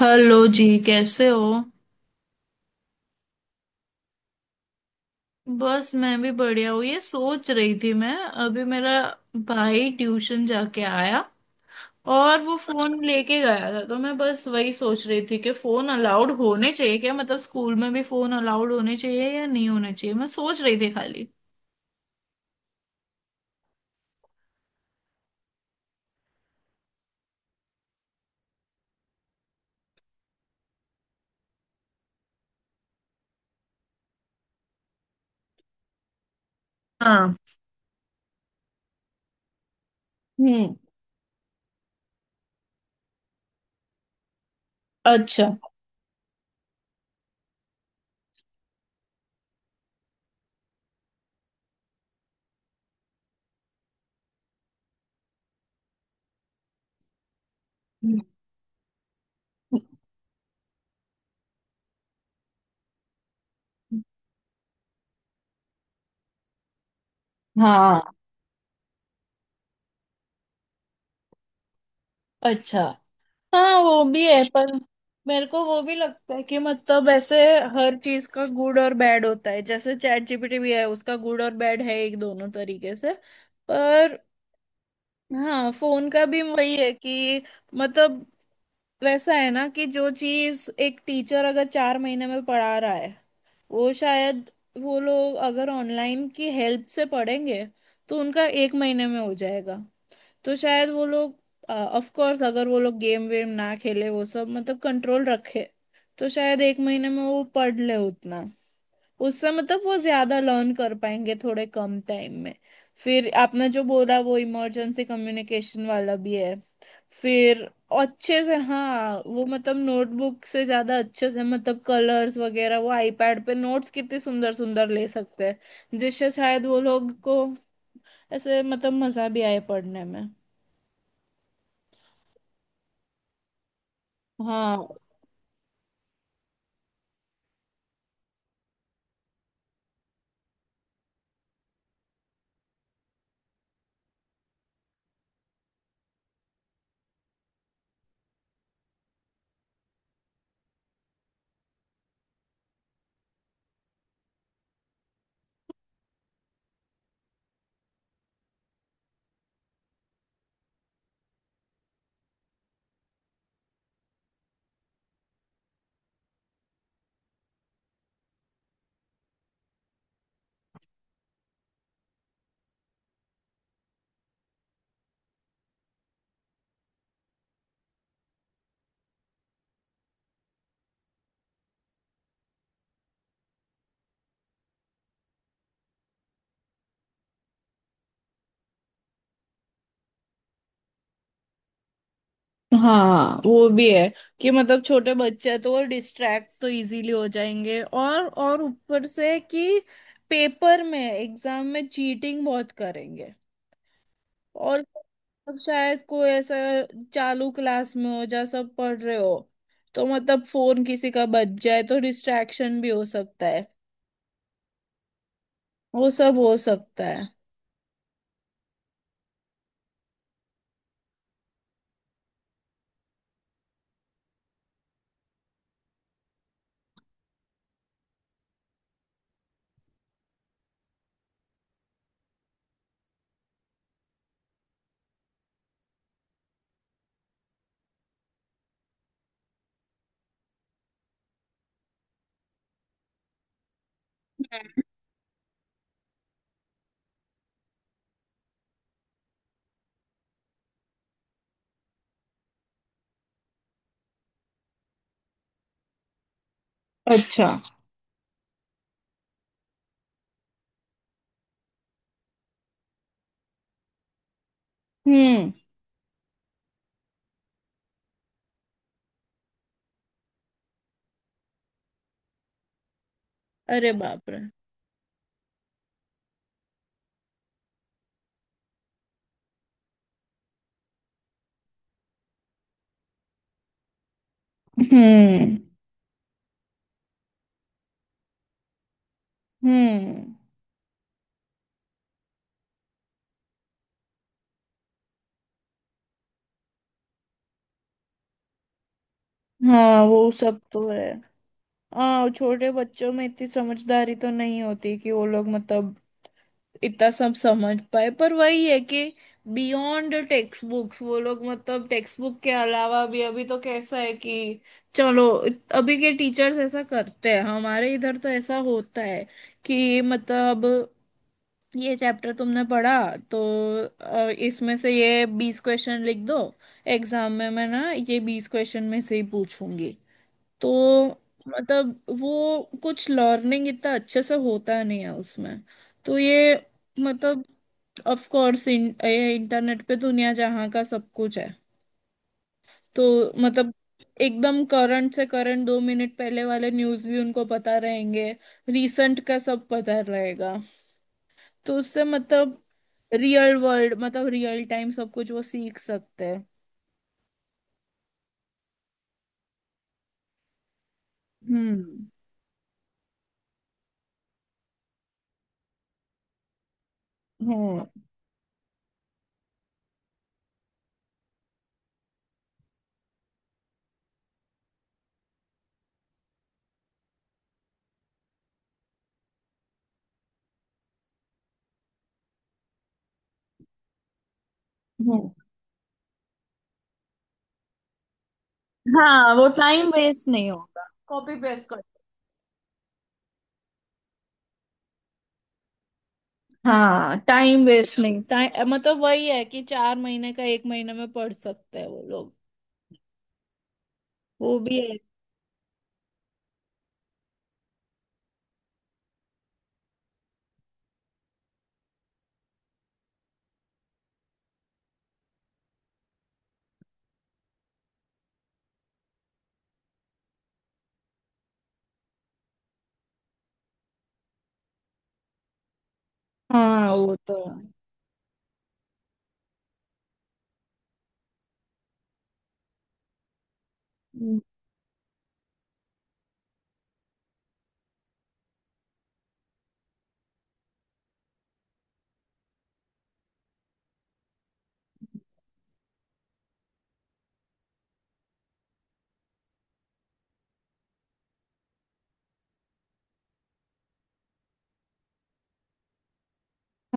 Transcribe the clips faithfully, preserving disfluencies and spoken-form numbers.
Hello जी, कैसे हो? बस मैं भी बढ़िया हूँ। ये सोच रही थी मैं। अभी मेरा भाई ट्यूशन जाके आया और वो फोन लेके गया था तो मैं बस वही सोच रही थी कि फोन अलाउड होने चाहिए क्या। मतलब स्कूल में भी फोन अलाउड होने चाहिए या नहीं होने चाहिए, मैं सोच रही थी खाली। हाँ। हम्म। अच्छा। हाँ। अच्छा। हाँ वो भी है पर मेरे को वो भी लगता है कि मतलब ऐसे हर चीज का गुड और बैड होता है, जैसे चैट जी पी टी भी है, उसका गुड और बैड है एक दोनों तरीके से। पर हाँ, फोन का भी वही है कि मतलब वैसा है ना कि जो चीज एक टीचर अगर चार महीने में पढ़ा रहा है, वो शायद वो लोग अगर ऑनलाइन की हेल्प से पढ़ेंगे तो उनका एक महीने में हो जाएगा। तो शायद वो लोग ऑफ कोर्स अगर वो लोग गेम वेम ना खेले, वो सब मतलब कंट्रोल रखे तो शायद एक महीने में वो पढ़ ले उतना। उससे मतलब वो ज्यादा लर्न कर पाएंगे थोड़े कम टाइम में। फिर आपने जो बोला वो इमरजेंसी कम्युनिकेशन वाला भी है। फिर अच्छे से हाँ वो मतलब नोटबुक से ज्यादा अच्छे से मतलब कलर्स वगैरह वो आईपैड पे नोट्स कितने सुंदर सुंदर ले सकते हैं जिससे शायद वो लोग को ऐसे मतलब मजा भी आए पढ़ने में। हाँ। हाँ वो भी है कि मतलब छोटे बच्चे हैं तो वो डिस्ट्रैक्ट तो इजीली हो जाएंगे और और ऊपर से कि पेपर में एग्जाम में चीटिंग बहुत करेंगे। और अब शायद कोई ऐसा चालू क्लास में हो जहाँ सब पढ़ रहे हो तो मतलब फोन किसी का बज जाए तो डिस्ट्रैक्शन भी हो सकता है। वो सब हो सकता है। अच्छा। हम्म। अरे बाप रे। हम्म हम्म। हाँ वो सब तो है। हाँ और छोटे बच्चों में इतनी समझदारी तो नहीं होती कि वो लोग मतलब इतना सब समझ पाए, पर वही है कि बियॉन्ड टेक्स्ट बुक्स वो लोग मतलब टेक्स्ट बुक के अलावा भी अभी तो कैसा है कि चलो अभी के टीचर्स ऐसा करते हैं। हमारे इधर तो ऐसा होता है कि मतलब ये चैप्टर तुमने पढ़ा तो अ, इसमें से ये बीस क्वेश्चन लिख दो, एग्जाम में मैं ना ये बीस क्वेश्चन में से ही पूछूंगी। तो मतलब वो कुछ लर्निंग इतना अच्छे से होता नहीं है उसमें। तो ये मतलब ऑफ कोर्स इंटरनेट पे दुनिया जहाँ का सब कुछ है तो मतलब एकदम करंट से करंट दो मिनट पहले वाले न्यूज़ भी उनको पता रहेंगे। रीसेंट का सब पता रहेगा। तो उससे मतलब रियल वर्ल्ड मतलब रियल टाइम सब कुछ वो सीख सकते हैं। हम्म। हम्म। हम्म। हाँ वो टाइम वेस्ट नहीं होगा कॉपी पेस्ट। हाँ टाइम वेस्ट नहीं टाइम मतलब वही है कि चार महीने का एक महीने में पढ़ सकते हैं वो लोग। वो भी है। हाँ वो तो है। हम्म।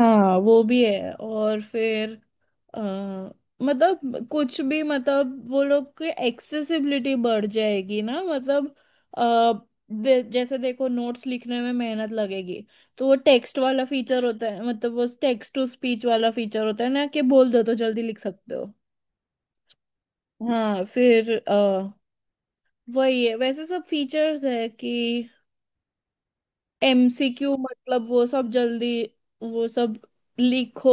हाँ वो भी है और फिर अ, मतलब कुछ भी मतलब वो लोग की एक्सेसिबिलिटी बढ़ जाएगी ना। मतलब अ, दे, जैसे देखो नोट्स लिखने में मेहनत लगेगी तो वो टेक्स्ट वाला फीचर होता है मतलब वो टेक्स्ट टू स्पीच वाला फीचर होता है ना कि बोल दो तो जल्दी लिख सकते हो। हाँ फिर वही है, वैसे सब फीचर्स है कि एम सी क्यू, मतलब वो सब जल्दी वो सब लिखो,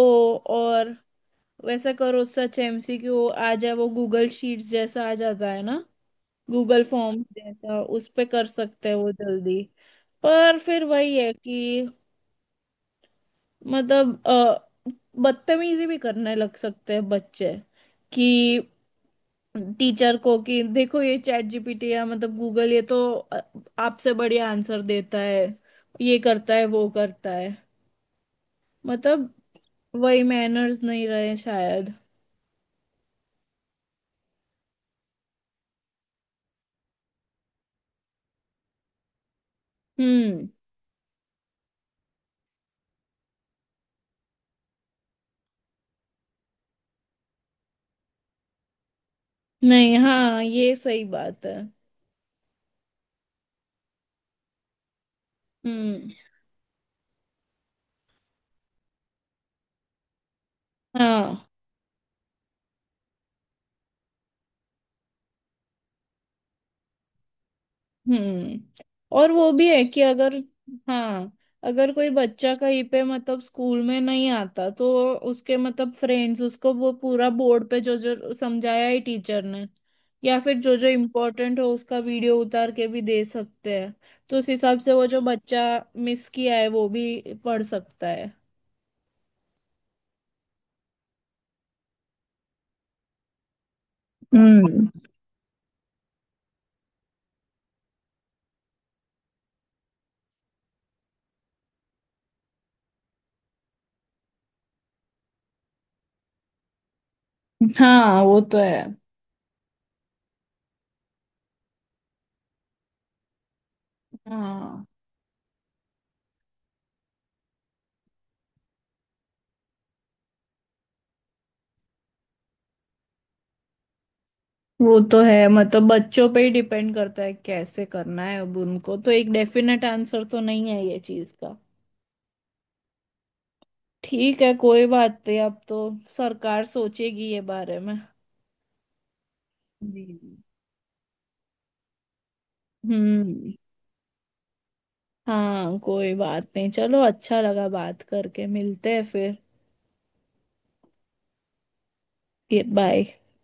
और वैसा करो सच एम सी क्यू आ जाए वो गूगल शीट्स जैसा आ जाता है ना, गूगल फॉर्म्स जैसा, उस पे कर सकते हैं वो जल्दी। पर फिर वही है कि मतलब अ, बदतमीजी भी करने लग सकते हैं बच्चे कि टीचर को कि देखो ये चैट जी पी टी या मतलब गूगल ये तो अ, आपसे बढ़िया आंसर देता है, ये करता है वो करता है, मतलब वही मैनर्स नहीं रहे शायद। हम्म। नहीं, हाँ ये सही बात है। हम्म। हाँ। हम्म। और वो भी है कि अगर हाँ, अगर कोई बच्चा कहीं पे मतलब स्कूल में नहीं आता तो उसके मतलब फ्रेंड्स उसको वो पूरा बोर्ड पे जो जो समझाया है टीचर ने या फिर जो जो इम्पोर्टेंट हो उसका वीडियो उतार के भी दे सकते हैं, तो उस हिसाब से वो जो बच्चा मिस किया है वो भी पढ़ सकता है। हम्म। हाँ वो तो है। हाँ वो तो है, मतलब बच्चों पे ही डिपेंड करता है कैसे करना है अब उनको, तो एक डेफिनेट आंसर तो नहीं है ये चीज का। ठीक है, कोई बात नहीं, अब तो सरकार सोचेगी ये बारे में। जी जी। हम्म। हाँ कोई बात नहीं, चलो अच्छा लगा बात करके, मिलते हैं फिर। ये, बाय।